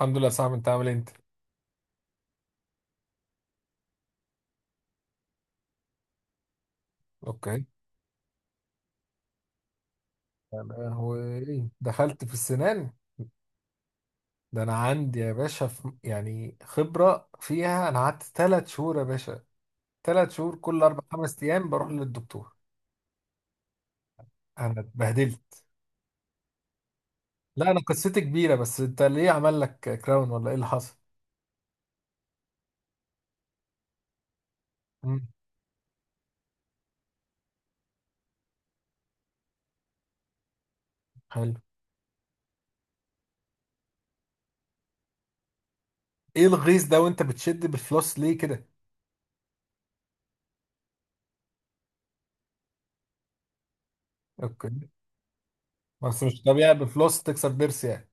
الحمد لله. صعب، انت عامل ايه انت؟ اوكي. انا هو ايه، دخلت في السنان؟ ده انا عندي يا باشا في يعني خبرة فيها، انا قعدت ثلاث شهور يا باشا، ثلاث شهور كل اربع خمس ايام بروح للدكتور. انا اتبهدلت. لا انا قصتي كبيرة، بس انت ليه عمل لك كراون ولا ايه اللي حصل؟ مم. حلو. ايه الغيظ ده، وانت بتشد بالفلوس ليه كده؟ اوكي. بس مش طبيعي بالفلوس تكسر ضرس يعني.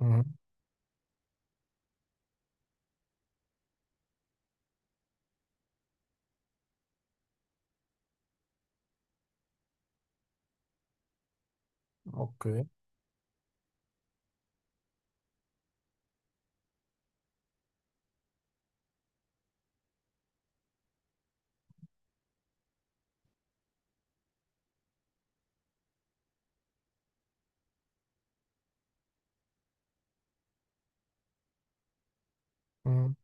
مم. اوكي. مم.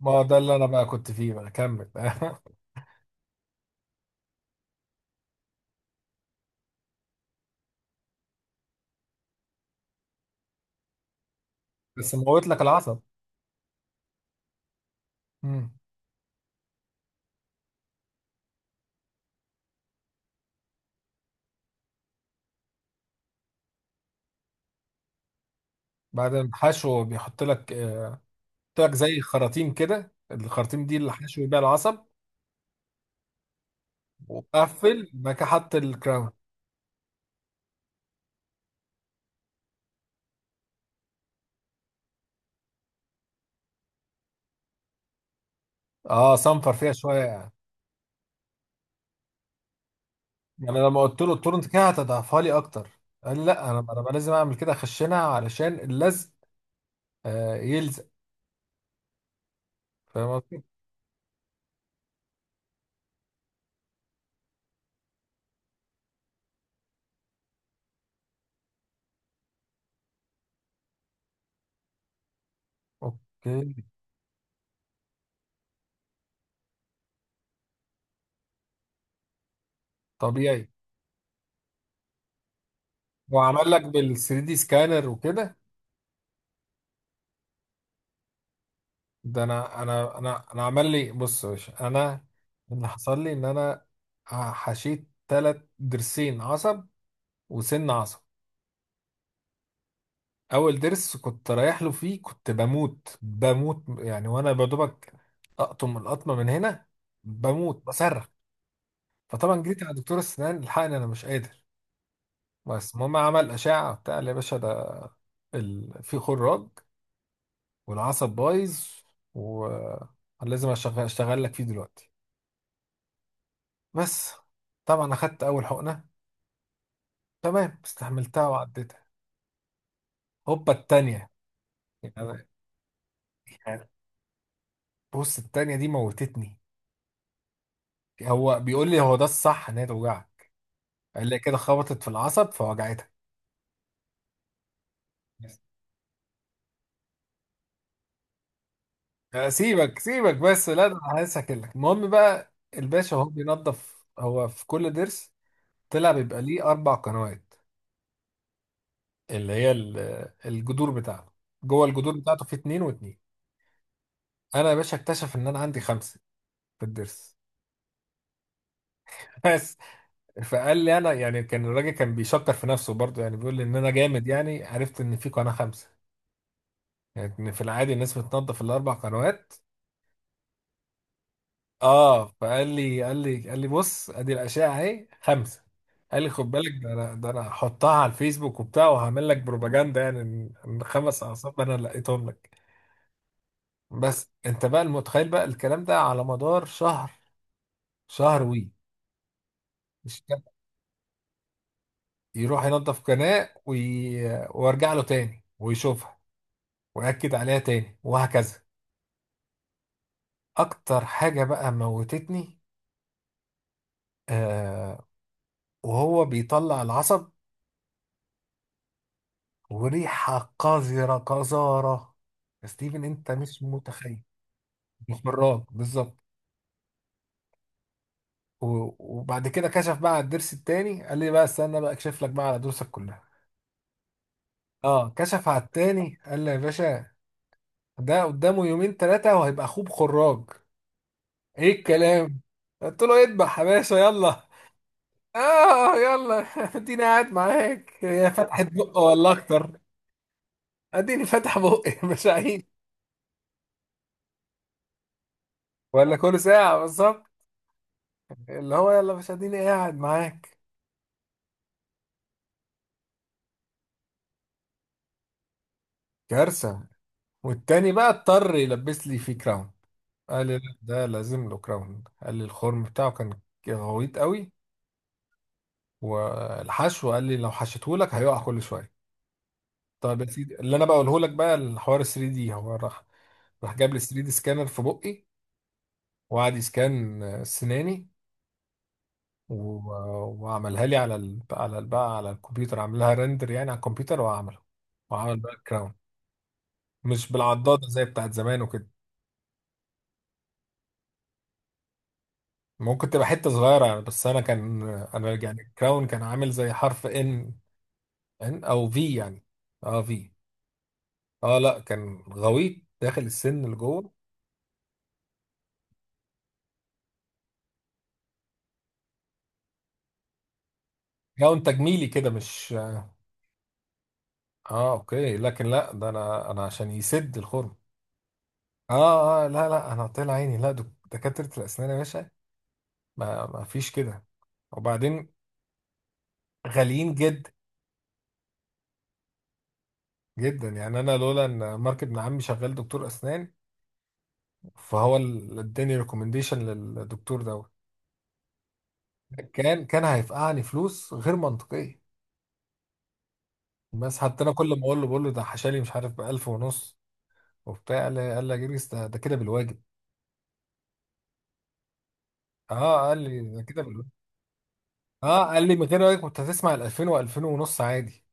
ما هو ده اللي انا بقى كنت فيه بقى، كمل. بس موت لك العصب. امم. بعدين حشو بيحط لك، بيحط لك زي خراطيم كده، الخراطيم دي اللي حشو بيها العصب. وقفل بعد كده حط الكراون. اه صنفر فيها شويه يعني. يعني لما قلت له التورنت كده هتضعفها لي اكتر، قال لي لا انا بقى لازم اعمل كده، اخشنها علشان اللزق. آه يلزق. فاهم قصدي؟ اوكي. طبيعي. وعمل لك بال 3 دي سكانر وكده؟ ده انا عمل لي، بص يا باشا، انا اللي حصل لي ان انا حشيت تلات ضرسين عصب وسن عصب. اول ضرس كنت رايح له فيه كنت بموت يعني، وانا بدوبك اقطم القطمه من هنا بموت بصرخ. فطبعا جيت على دكتور السنان لحقني انا مش قادر. بس المهم عمل اشعه بتاع، قال لي يا باشا ده في خراج والعصب بايظ، ولازم اشتغل لك فيه دلوقتي. بس طبعا اخدت اول حقنه، تمام، استحملتها وعديتها. هوبا التانية. يعني يعني بص التانية دي موتتني. هو بيقول لي هو ده الصح ان هي توجعك. قال لي كده خبطت في العصب فوجعتها. بس. سيبك بس، لا ده انا عايز اكلك. المهم بقى الباشا هو بينظف، هو في كل ضرس طلع بيبقى ليه اربع قنوات، اللي هي الجذور بتاعته. جوه الجذور بتاعته في اتنين واتنين. انا يا باشا اكتشف ان انا عندي خمسه في الضرس. فقال لي، انا يعني كان الراجل كان بيشكر في نفسه برضه، يعني بيقول لي ان انا جامد يعني عرفت ان في قناه خمسه. يعني إن في العادي الناس بتنظف الاربع قنوات. اه فقال لي قال لي بص ادي الاشعه اهي خمسه. قال لي خد بالك، ده انا هحطها على الفيسبوك وبتاع، وهعمل لك بروباجندا يعني إن خمس اعصاب انا لقيتهم لك. بس انت بقى المتخيل بقى الكلام ده على مدار شهر، شهر مش كده. يروح ينظف قناه وارجع له تاني ويشوفها، واكد عليها تاني، وهكذا. اكتر حاجه بقى موتتني، آه وهو بيطلع العصب وريحه قذره قذاره. يا ستيفن انت مش متخيل، محمرات بالظبط. وبعد كده كشف بقى على الضرس التاني، قال لي بقى استنى بقى اكشف لك بقى على ضروسك كلها. اه كشف على التاني، قال لي يا باشا ده قدامه يومين ثلاثه وهيبقى اخوه بخراج. ايه الكلام! قلت له اذبح يا باشا يلا. اه يلا اديني قاعد معاك، هي فتحت بق ولا اكتر. اديني فاتح بقي مش عايز. ولا كل ساعة بالظبط. اللي هو يلا، مش اديني قاعد معاك. كارثة. والتاني بقى اضطر يلبس لي فيه كراون. قال لي لا ده لازم له كراون، قال لي الخرم بتاعه كان غويط قوي، والحشو قال لي لو حشيته لك هيقع كل شوية. طب يا سيدي اللي انا بقوله لك بقى، الحوار 3 دي، هو راح، راح جاب لي 3 دي سكانر في بقي، وقعد يسكان سناني، وعملها لي على بقى على الكمبيوتر، عامل لها ريندر يعني على الكمبيوتر وعمله، وعمل باك جراوند، مش بالعضاده زي بتاعت زمان وكده. ممكن تبقى حته صغيره يعني، بس انا كان، انا يعني الكراون كان عامل زي حرف ان، ان او في يعني، اه في. اه لا كان غويط داخل السن اللي جوه. كراون تجميلي كده مش. اه اوكي لكن لا ده انا عشان يسد الخرم. اه اه لا لا انا طلع عيني، لا دكاتره الاسنان يا باشا، ما فيش كده. وبعدين غاليين جدا، جدا يعني. انا لولا ان مارك ابن عمي شغال دكتور اسنان، فهو اللي اداني ريكومنديشن للدكتور دوت، كان هيفقعني فلوس غير منطقيه. بس حتى انا كل ما اقول له بقول له ده حشالي مش عارف ب 1000 ونص وبتاع، قال لي يا جريس ده كده بالواجب. اه قال لي ده كده بالواجب. اه قال لي من غير واجب كنت هتسمع ال 2000 و2000 ونص عادي.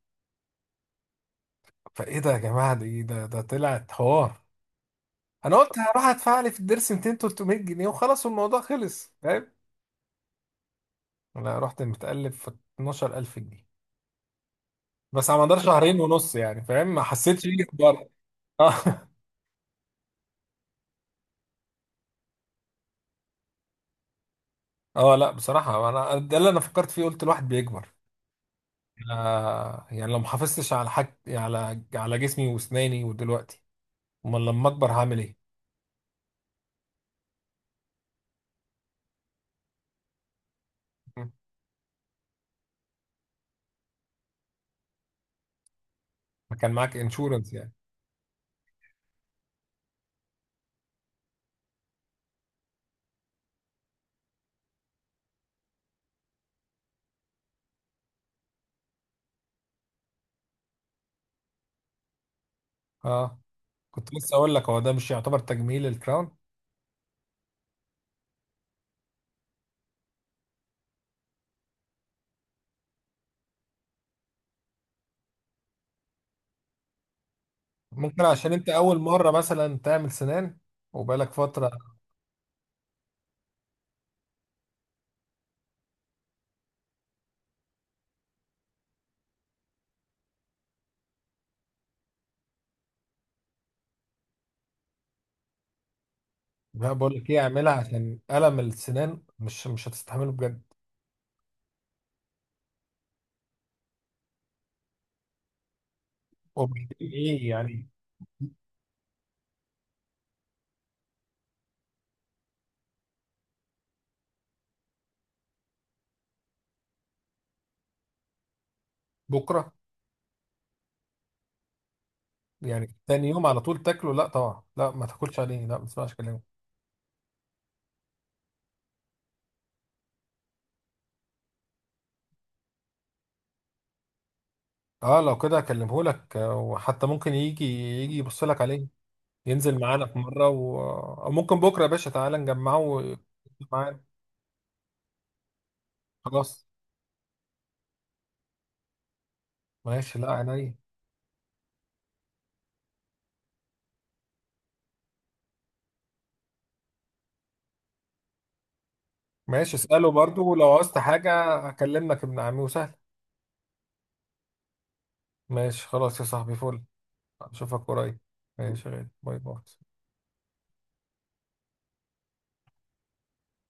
فايه ده يا جماعه، ده ايه ده طلعت حوار. انا قلت هروح ادفع لي في الدرس 200 300 جنيه وخلاص الموضوع خلص. انا رحت متقلب في 12,000 جنيه. بس على مدار شهرين ونص يعني، فاهم، ما حسيتش بيه بره. اه اه لا بصراحه انا ده اللي انا فكرت فيه، قلت الواحد بيكبر. يعني لو ما حافظتش على حاج، على على جسمي واسناني، ودلوقتي امال لما اكبر هعمل ايه. مم. ما كان معاك انشورنس يعني؟ اه كنت لسه اقول لك، هو ده مش يعتبر تجميل الكراون؟ ممكن عشان انت اول مره مثلا تعمل سنان وبقالك فتره. بقول لك ايه، اعملها عشان الم السنان مش مش هتستحمله بجد. وبالليل ايه يعني؟ بكره يعني تاني يوم على طول تاكله؟ لا طبعا، لا ما تاكلش عليه، لا ما تسمعش كلامه. اه لو كده اكلمه لك، وحتى ممكن يجي يبص لك عليه، ينزل معانا في مره او ممكن بكره يا باشا تعالى نجمعه معانا. خلاص. ماشي، لا عينيا. ماشي اساله برضو، ولو عوزت حاجه اكلمك ابن عمي، وسهل. ماشي خلاص يا صاحبي، فل. اشوفك قريب. ماشي يا غالي. باي باي.